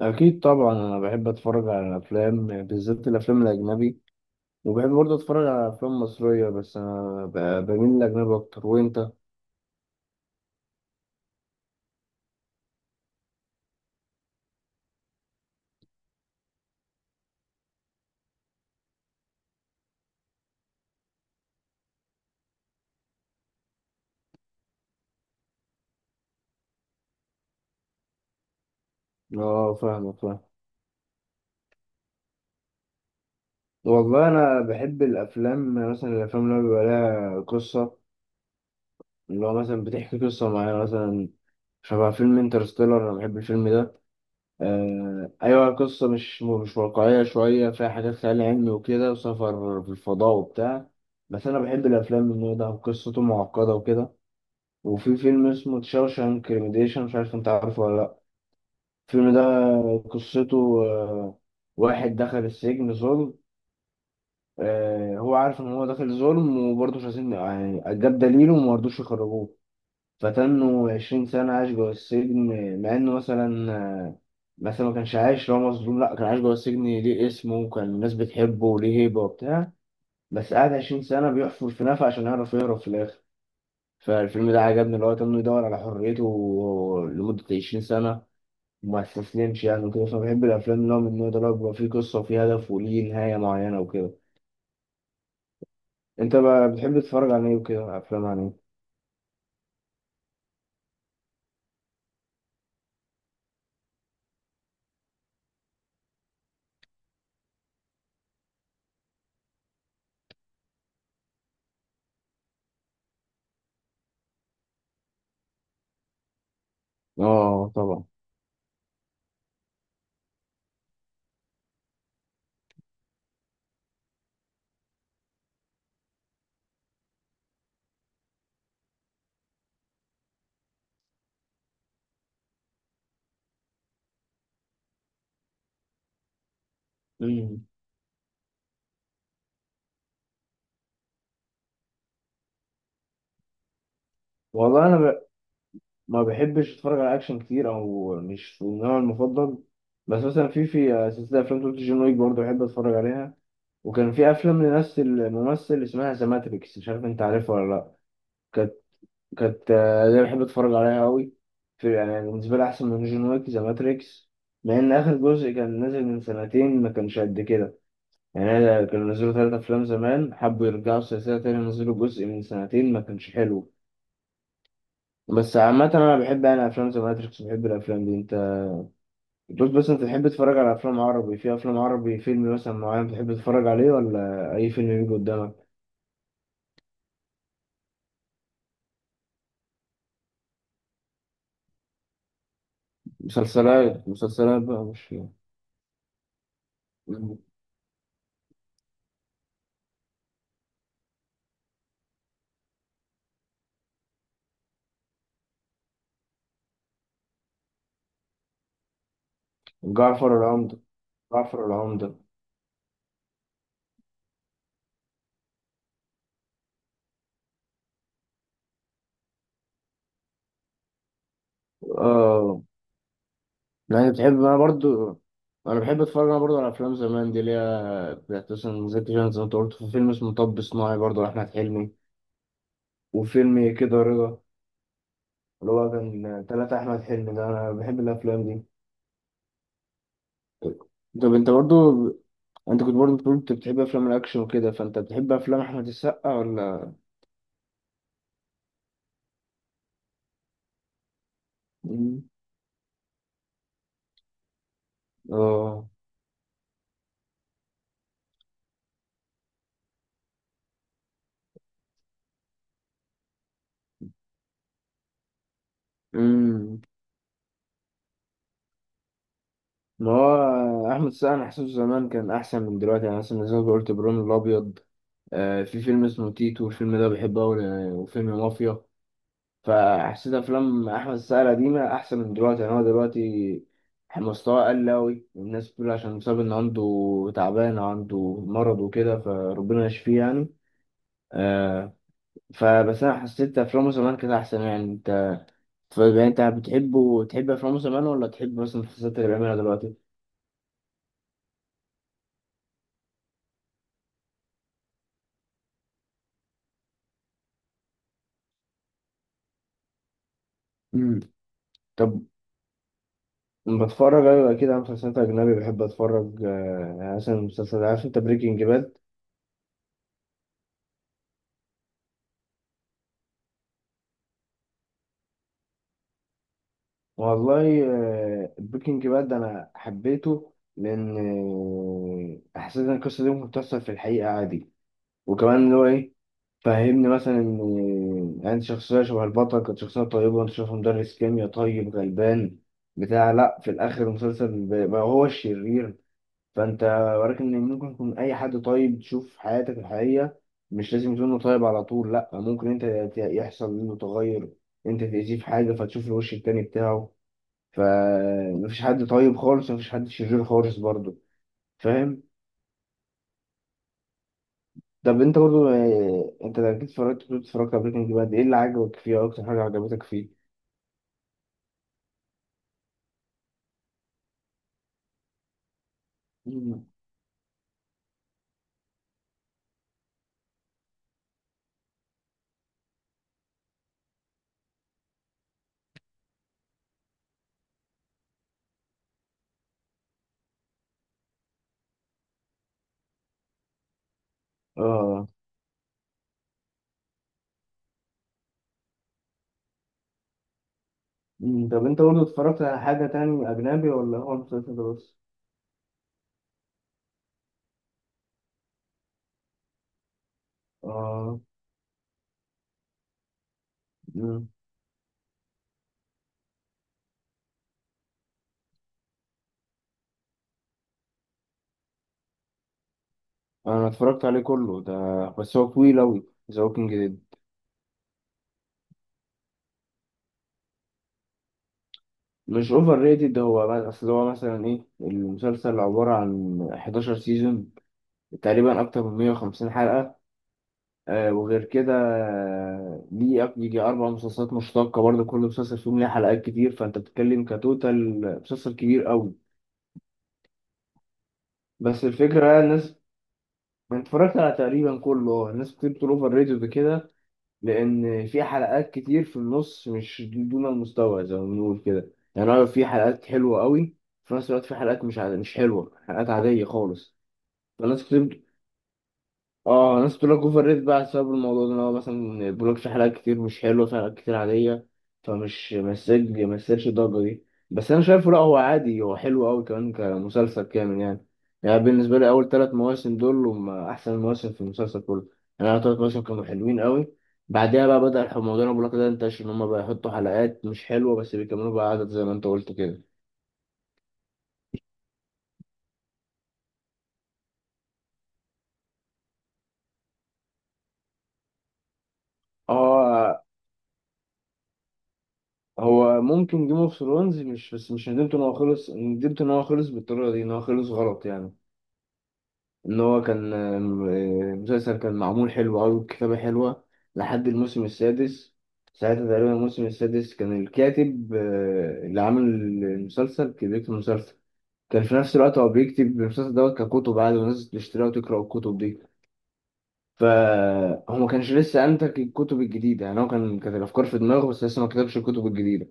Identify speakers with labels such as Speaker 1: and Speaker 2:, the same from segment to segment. Speaker 1: أكيد طبعا أنا بحب أتفرج على الأفلام بالذات الأفلام الأجنبي. وبحب برضه أتفرج على أفلام مصرية، بس أنا بميل للأجنبي أكتر، وأنت؟ أه، فاهمك فاهم. والله أنا بحب الأفلام، مثلا الأفلام اللي هو بيبقى لها قصة، اللي هو مثلا بتحكي قصة معينة، مثلا شبه فيلم انترستيلر. أنا بحب الفيلم ده. آه أيوة، قصة مش واقعية شوية، فيها حاجات خيال علمي وكده، وسفر في الفضاء وبتاع. بس أنا بحب الأفلام من النوع ده، وقصته معقدة وكده. وفي فيلم اسمه شاوشانك ريميديشن، مش عارف انت عارفه ولا لا، الفيلم ده قصته واحد دخل السجن ظلم. هو عارف ان هو داخل ظلم، وبرضه مش عايزين، يعني جاب دليله وما رضوش يخرجوه، فتنه 20 سنة عايش جوه السجن. مع انه مثلا مثلا ما كانش عايش لو مظلوم، لا، كان عايش جوه السجن ليه اسمه، وكان الناس بتحبه وليه هيبة وبتاع، بس قعد 20 سنة بيحفر في نفق عشان يعرف يهرب في الآخر. فالفيلم ده عجبني، اللي هو كان يدور على حريته لمدة 20 سنة، وما استسلمش يعني وكده. فبحب الأفلام اللي هو من النوع ده، اللي هو بيبقى فيه قصة وفيه هدف وليه نهاية معينة وكده. أنت بقى بتحب تتفرج على إيه وكده، أفلام عن إيه؟ آه طبعا. مم. والله أنا ما بحبش أتفرج على أكشن كتير، أو مش النوع المفضل. بس مثلا في سلسلة أفلام توت جون ويك برضه بحب أتفرج عليها. وكان في أفلام لنفس الممثل اسمها ذا ماتريكس، مش عارف أنت عارفها ولا. لأ، كانت، دي بحب اتفرج عليها قوي. في، يعني بالنسبه لي احسن من جون ويك ذا ماتريكس، مع ان اخر جزء كان نازل من سنتين ما كانش قد كده. يعني أنا كانوا نزلوا ثلاثة افلام زمان، حبوا يرجعوا السلسله تاني، نزلوا جزء من سنتين ما كانش حلو. بس عامه انا بحب يعني افلام ذا ماتريكس، بحب الافلام دي. انت، بص، بس انت تحب تتفرج على افلام عربي، في افلام عربي فيلم مثلا معين بتحب تتفرج عليه، ولا اي فيلم بيجي قدامك؟ مسلسلات بقى، مش. جعفر العمدة. جعفر العمدة. اه، لا انا بتحب انا برضو، انا بحب اتفرج انا برضو على افلام زمان دي، اللي هي بتاعت مثلا زكي شان، زي ما انت قلت. في فيلم اسمه مطب صناعي برضو لاحمد حلمي، وفيلم كده رضا، اللي هو كان تلاتة احمد حلمي ده. انا بحب الافلام دي. طب انت برضو، انت كنت برضو بتقول انت بتحب افلام الاكشن وكده، فانت بتحب افلام احمد السقا ولا؟ مم. اه. امم. ما هو احمد السقا انا حاسه زمان كان احسن من دلوقتي، يعني مثلا زي ما قلت ابراهيم الابيض، آه في فيلم اسمه تيتو الفيلم ده بحبه أوي، وفيلم مافيا. فحسيت افلام احمد السقا القديمه احسن من دلوقتي، يعني هو دلوقتي مستواه قل قوي، والناس بتقول عشان بسبب ان عنده تعبان أو عنده مرض وكده، فربنا يشفيه يعني. آه. فبس انا حسيت افلامه زمان كانت احسن يعني، انت فبقى انت بتحبه، تحب افلامه زمان ولا تحب مثلا المسلسلات اللي بيعملها دلوقتي؟ امم. طب بتفرج، ايوه اكيد، على مسلسلات اجنبي. بحب اتفرج، يعني مثلا مسلسل عارف انت بريكنج باد. والله، البيكنج باد ده انا حبيته، لان حسيت ان القصه دي ممكن تحصل في الحقيقه عادي. وكمان اللي هو ايه فهمني، مثلا ان انت شخصيه شبه البطل كانت شخصيه طيبه، انت شايفه مدرس كيمياء طيب غلبان بتاع، لا في الاخر المسلسل بقى هو الشرير. فانت وراك ان ممكن يكون اي حد طيب تشوف في حياتك الحقيقيه، مش لازم يكون إنه طيب على طول، لا ممكن انت، يحصل منه تغير، انت تأذيه في حاجه فتشوف الوش التاني بتاعه. فمفيش حد طيب خالص، مفيش حد شرير خالص برضه، فاهم. طب انت برضه، انت اكيد اتفرجت، كنت اتفرجت على بريكنج باد، ايه اللي عجبك فيه، أو اكتر حاجه عجبتك فيه؟ مم. اه. مم. طب انت برضه اتفرجت على حاجه تاني اجنبي، ولا هو المسلسل ده بس؟ اه. مم. انا اتفرجت عليه كله ده، بس هو طويل اوي، ذا ووكينج ديد. مش اوفر ريتد، هو اصل هو مثلا ايه، المسلسل عباره عن 11 سيزون تقريبا، اكتر من 150 حلقه. وغير كده ليه يجي أربع مسلسلات مشتقة برضه، كل مسلسل فيهم ليه حلقات كتير، فأنت بتتكلم كتوتال مسلسل كبير أوي. بس الفكرة الناس، أنا اتفرجت على تقريبا كله. الناس كتير بتقول أوفر ريتد كده، لأن في حلقات كتير في النص مش دون المستوى زي ما بنقول كده، يعني أنا في حلقات حلوة أوي، في نفس الوقت في حلقات مش حلوة، حلقات عادية خالص. فالناس كتير، اه ناس بتقول لك اوفر ريت بقى بسبب الموضوع ده، ان هو مثلا ما بيقولكش، حلقات كتير مش حلوه، في حلقات كتير عاديه، فمش مسج ما يستاهلش الضجه دي. بس انا شايفه لا، هو عادي، هو حلو قوي كمان كمسلسل كامل يعني. يعني بالنسبه لي اول ثلاث مواسم دول هم احسن مواسم في المسلسل كله، يعني اول ثلاث مواسم كانوا حلوين قوي. بعدها بقى بدأ الموضوع اللي أنا بقولك ده انتشر، ان هم بقى يحطوا حلقات مش حلوه بس بيكملوا بقى عدد زي ما انت قلت كده. اه. هو ممكن جيم اوف ثرونز، مش بس مش ندمت ان هو خلص، ندمت ان هو خلص بالطريقه دي، ان هو خلص غلط يعني. ان هو كان، آم، آه، المسلسل كان معمول حلو قوي والكتابه حلوه لحد الموسم السادس. ساعتها تقريبا الموسم السادس كان الكاتب، اللي عامل المسلسل كان بيكتب المسلسل. كان في نفس الوقت هو بيكتب المسلسل دوت ككتب عادي، والناس بتشتريها وتقرا الكتب دي. فهو ما كانش لسه انتج الكتب الجديده، يعني هو كان، كانت الافكار في دماغه بس لسه ما كتبش الكتب الجديده.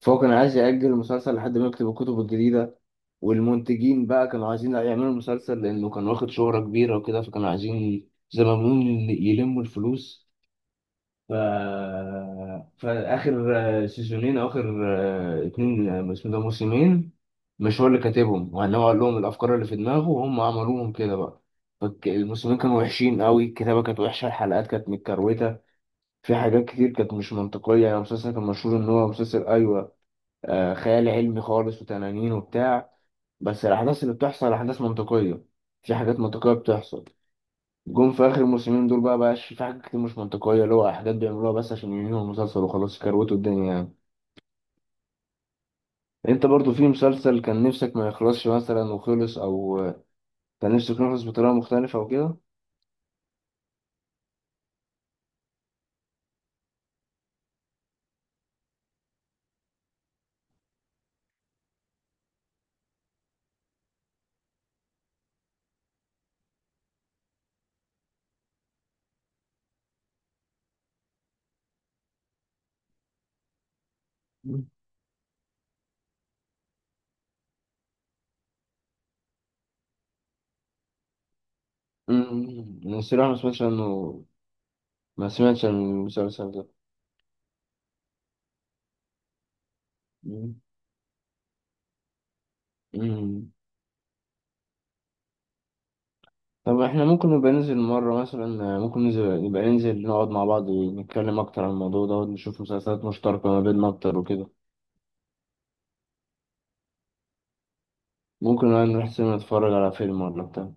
Speaker 1: فهو كان عايز يأجل المسلسل لحد ما يكتب الكتب الجديدة، والمنتجين بقى كانوا عايزين يعملوا المسلسل لأنه كان واخد شهرة كبيرة وكده، فكانوا عايزين زي ما بنقول يلموا الفلوس. ف... فآخر سيزونين، أو آخر اتنين، اسمه ده موسمين، مش هو اللي كاتبهم وإنما هو قال لهم الأفكار اللي في دماغه وهم عملوهم كده بقى. فالموسمين كانوا وحشين قوي، الكتابة كانت وحشة، الحلقات كانت متكروتة، في حاجات كتير كانت مش منطقية. يعني المسلسل كان مشهور إن هو مسلسل أيوة، خيال علمي خالص وتنانين وبتاع، بس الأحداث اللي بتحصل أحداث منطقية، في حاجات منطقية بتحصل. جم في آخر الموسمين دول بقى بقاش في حاجات كتير مش منطقية، اللي هو أحداث بيعملوها بس عشان ينهوا المسلسل وخلاص يكروتوا الدنيا يعني. أنت برضو في مسلسل كان نفسك ما يخلصش مثلا وخلص، أو كان نفسك يخلص بطريقة مختلفة أو كده؟ مم. أنا الصراحة ما سمعتش عنه، ما سمعتش عن المسلسل ده. أمم، طب احنا ممكن نبقى ننزل مرة مثلا، ممكن ننزل نبقى ننزل نقعد مع بعض ونتكلم أكتر عن الموضوع ده ونشوف مسلسلات مشتركة ما بيننا أكتر وكده. ممكن بقى نروح سينما نتفرج على فيلم ولا بتاع.